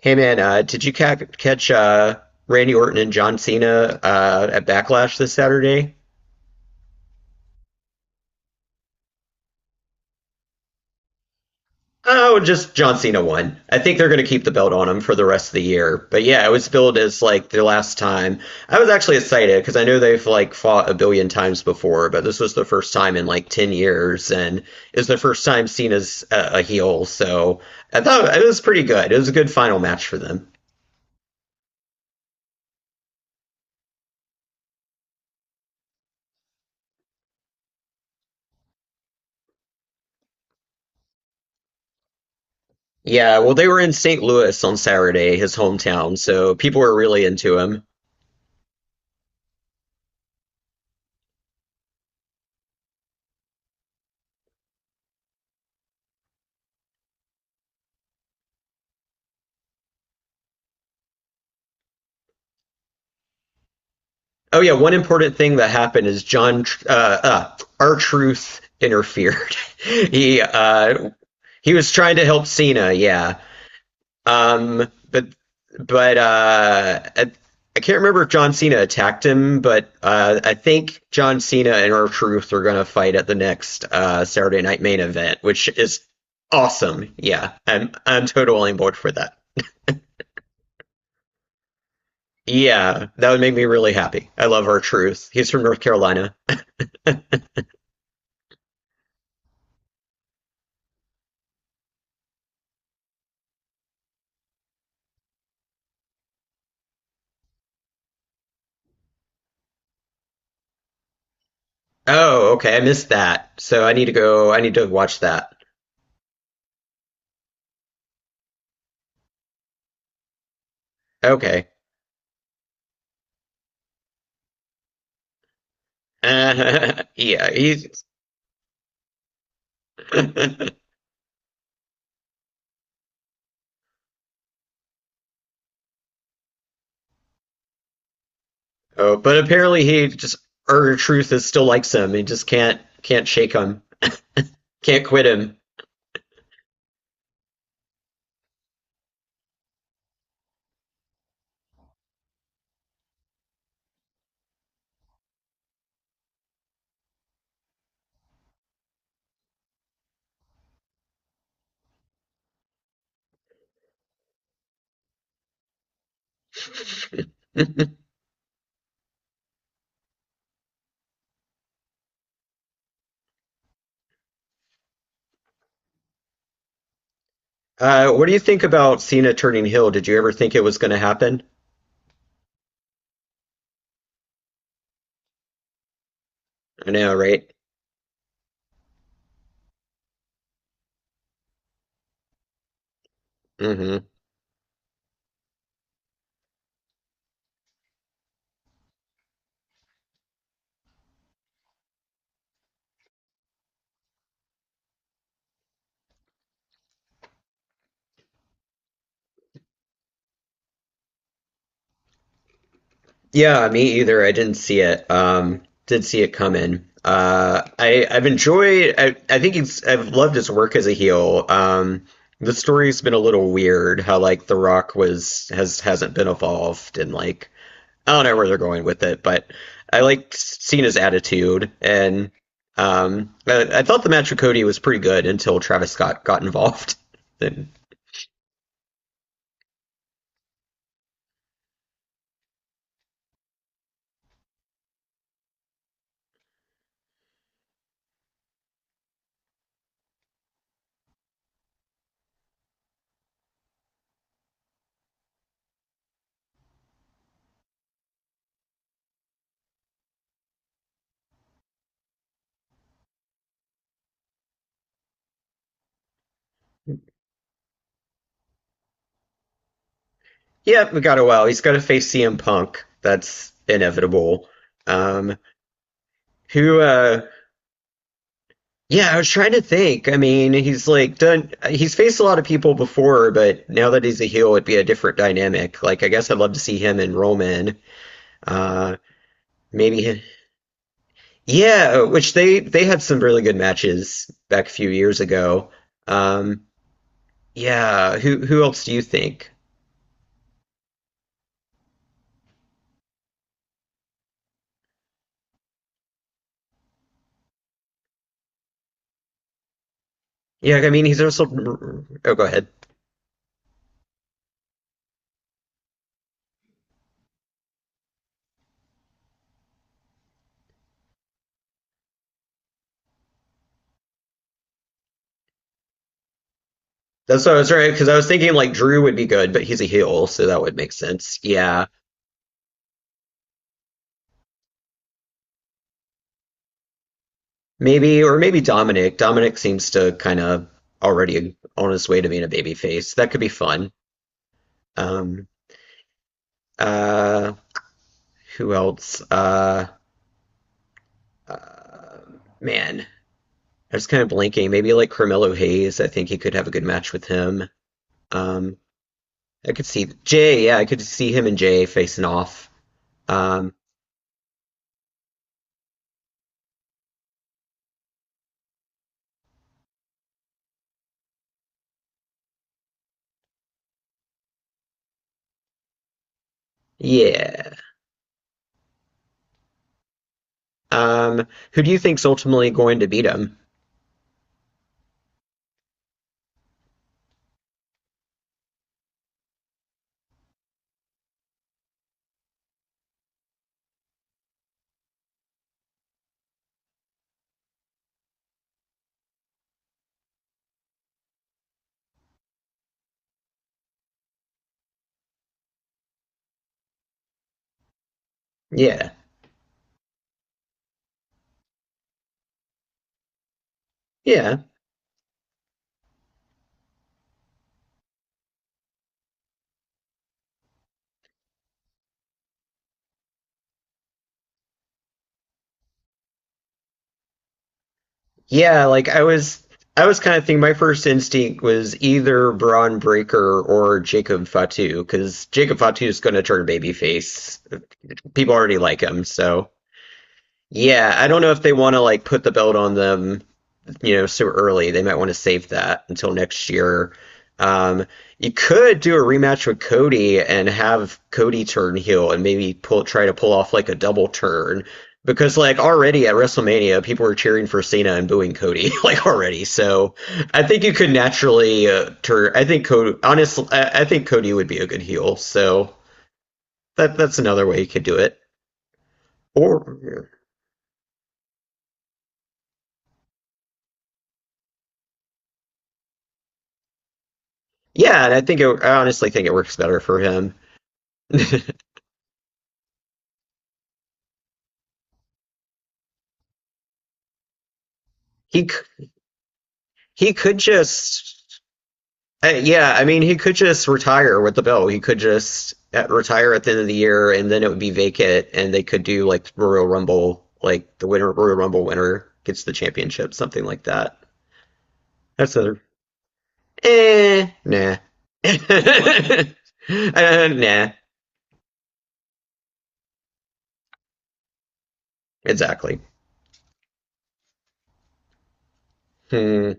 Hey man, did you ca catch Randy Orton and John Cena at Backlash this Saturday? Oh, just John Cena won. I think they're going to keep the belt on him for the rest of the year. But yeah, it was billed as like the last time. I was actually excited because I know they've like fought a billion times before, but this was the first time in like 10 years, and it was the first time Cena's a heel. So I thought it was pretty good. It was a good final match for them. Yeah, well, they were in St. Louis on Saturday, his hometown, so people were really into him. Oh yeah, one important thing that happened is John Truth interfered. he uh he was trying to help Cena, yeah. But but uh at, I can't remember if John Cena attacked him, but I think John Cena and R Truth are going to fight at the next Saturday Night Main Event, which is awesome. Yeah, I'm totally on board for that. Yeah, that would make me really happy. I love R Truth. He's from North Carolina. Oh, okay, I missed that. So I need to watch that. Okay. Yeah, he's. Oh, but apparently he just Urger Truth is still likes him. He just can't shake him. Can't quit him. What do you think about Cena turning heel? Did you ever think it was going to happen? I know, right? Mm-hmm. Yeah, me either. I didn't see it. Did see it coming. I think it's. I've loved his work as a heel. The story's been a little weird. How like The Rock was has hasn't been evolved, and like I don't know where they're going with it. But I liked seeing his attitude, and I thought the match with Cody was pretty good until Travis Scott got involved. Then yeah, we got a while. He's got to face CM Punk. That's inevitable. Um, who yeah, I was trying to think. I mean, he's like done he's faced a lot of people before, but now that he's a heel it'd be a different dynamic. Like I guess I'd love to see him and Roman. Uh maybe yeah, which they had some really good matches back a few years ago. Um yeah, who else do you think? Yeah, I mean, he's also oh, go ahead. That's what I was right because I was thinking like Drew would be good, but he's a heel, so that would make sense. Yeah. Maybe, or maybe Dominic. Dominic seems to kind of already on his way to being a babyface. That could be fun. Um, uh, who else? Uh, man, I was kind of blanking. Maybe like Carmelo Hayes. I think he could have a good match with him. Um, I could see Jay. Yeah, I could see him and Jay facing off. Um, yeah. Um, who do you think's ultimately going to beat him? Yeah. Yeah. Yeah, I was kind of thinking my first instinct was either Braun Breaker or Jacob Fatu, because Jacob Fatu is going to turn babyface. People already like him, so yeah, I don't know if they want to like put the belt on them you know, so early. They might want to save that until next year. Um, you could do a rematch with Cody and have Cody turn heel and maybe pull try to pull off like a double turn because like already at WrestleMania people were cheering for Cena and booing Cody like already. So I think you could naturally turn. I think Cody honestly I think Cody would be a good heel. So that that's another way you could do it. Or yeah, and I honestly think it works better for him. He He could just, yeah, I mean, he could just retire with the belt. He could just retire at the end of the year, and then it would be vacant, and they could do like Royal Rumble, like Royal Rumble winner gets the championship, something like that. That's a, nah. Nah, exactly. Hmm.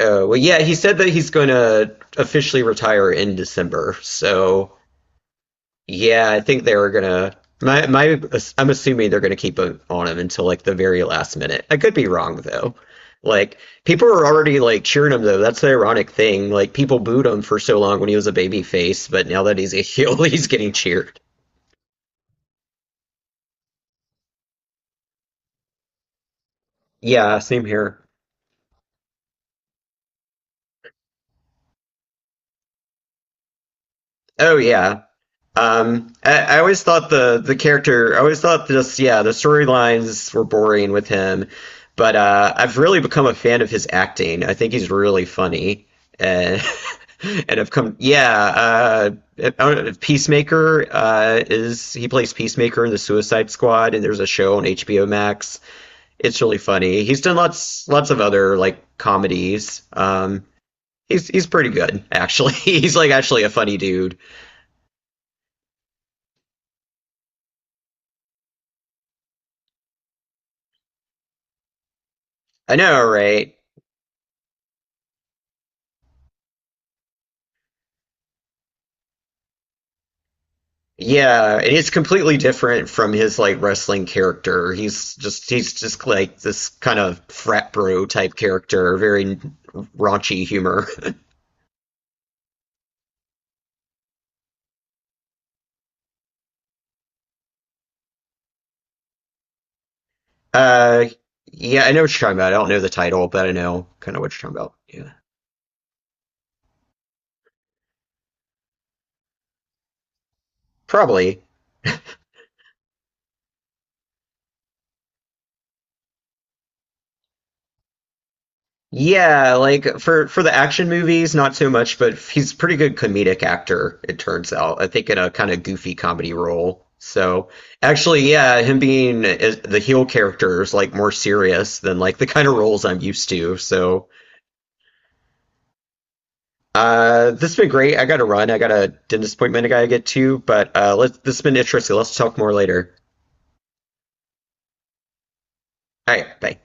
Oh, well, yeah, he said that he's going to officially retire in December, so yeah, I think they were gonna. My, I'm assuming they're gonna keep it on him until like the very last minute. I could be wrong though. Like people were already like cheering him though. That's the ironic thing. Like people booed him for so long when he was a baby face, but now that he's a heel, he's getting cheered. Yeah, same here. Oh yeah. I always thought the character. I always thought this. Yeah, the storylines were boring with him, but I've really become a fan of his acting. I think he's really funny, and and I've come. Yeah, I don't know, Peacemaker is he plays Peacemaker in the Suicide Squad, and there's a show on HBO Max. It's really funny. He's done lots of other like comedies. He's pretty good actually. he's like actually a funny dude. I know, right? Yeah, and it's completely different from his like wrestling character. He's just like this kind of frat bro type character, very raunchy humor. Uh, yeah, I know what you're talking about. I don't know the title, but I know kind of what you're talking about. Yeah, probably. Yeah, like for the action movies, not so much, but he's a pretty good comedic actor, it turns out. I think in a kind of goofy comedy role. So actually, yeah, the heel character is like more serious than like the kind of roles I'm used to. So this has been great. I gotta run. I got a dentist appointment I gotta get to, but let's this has been interesting. Let's talk more later. All right, bye.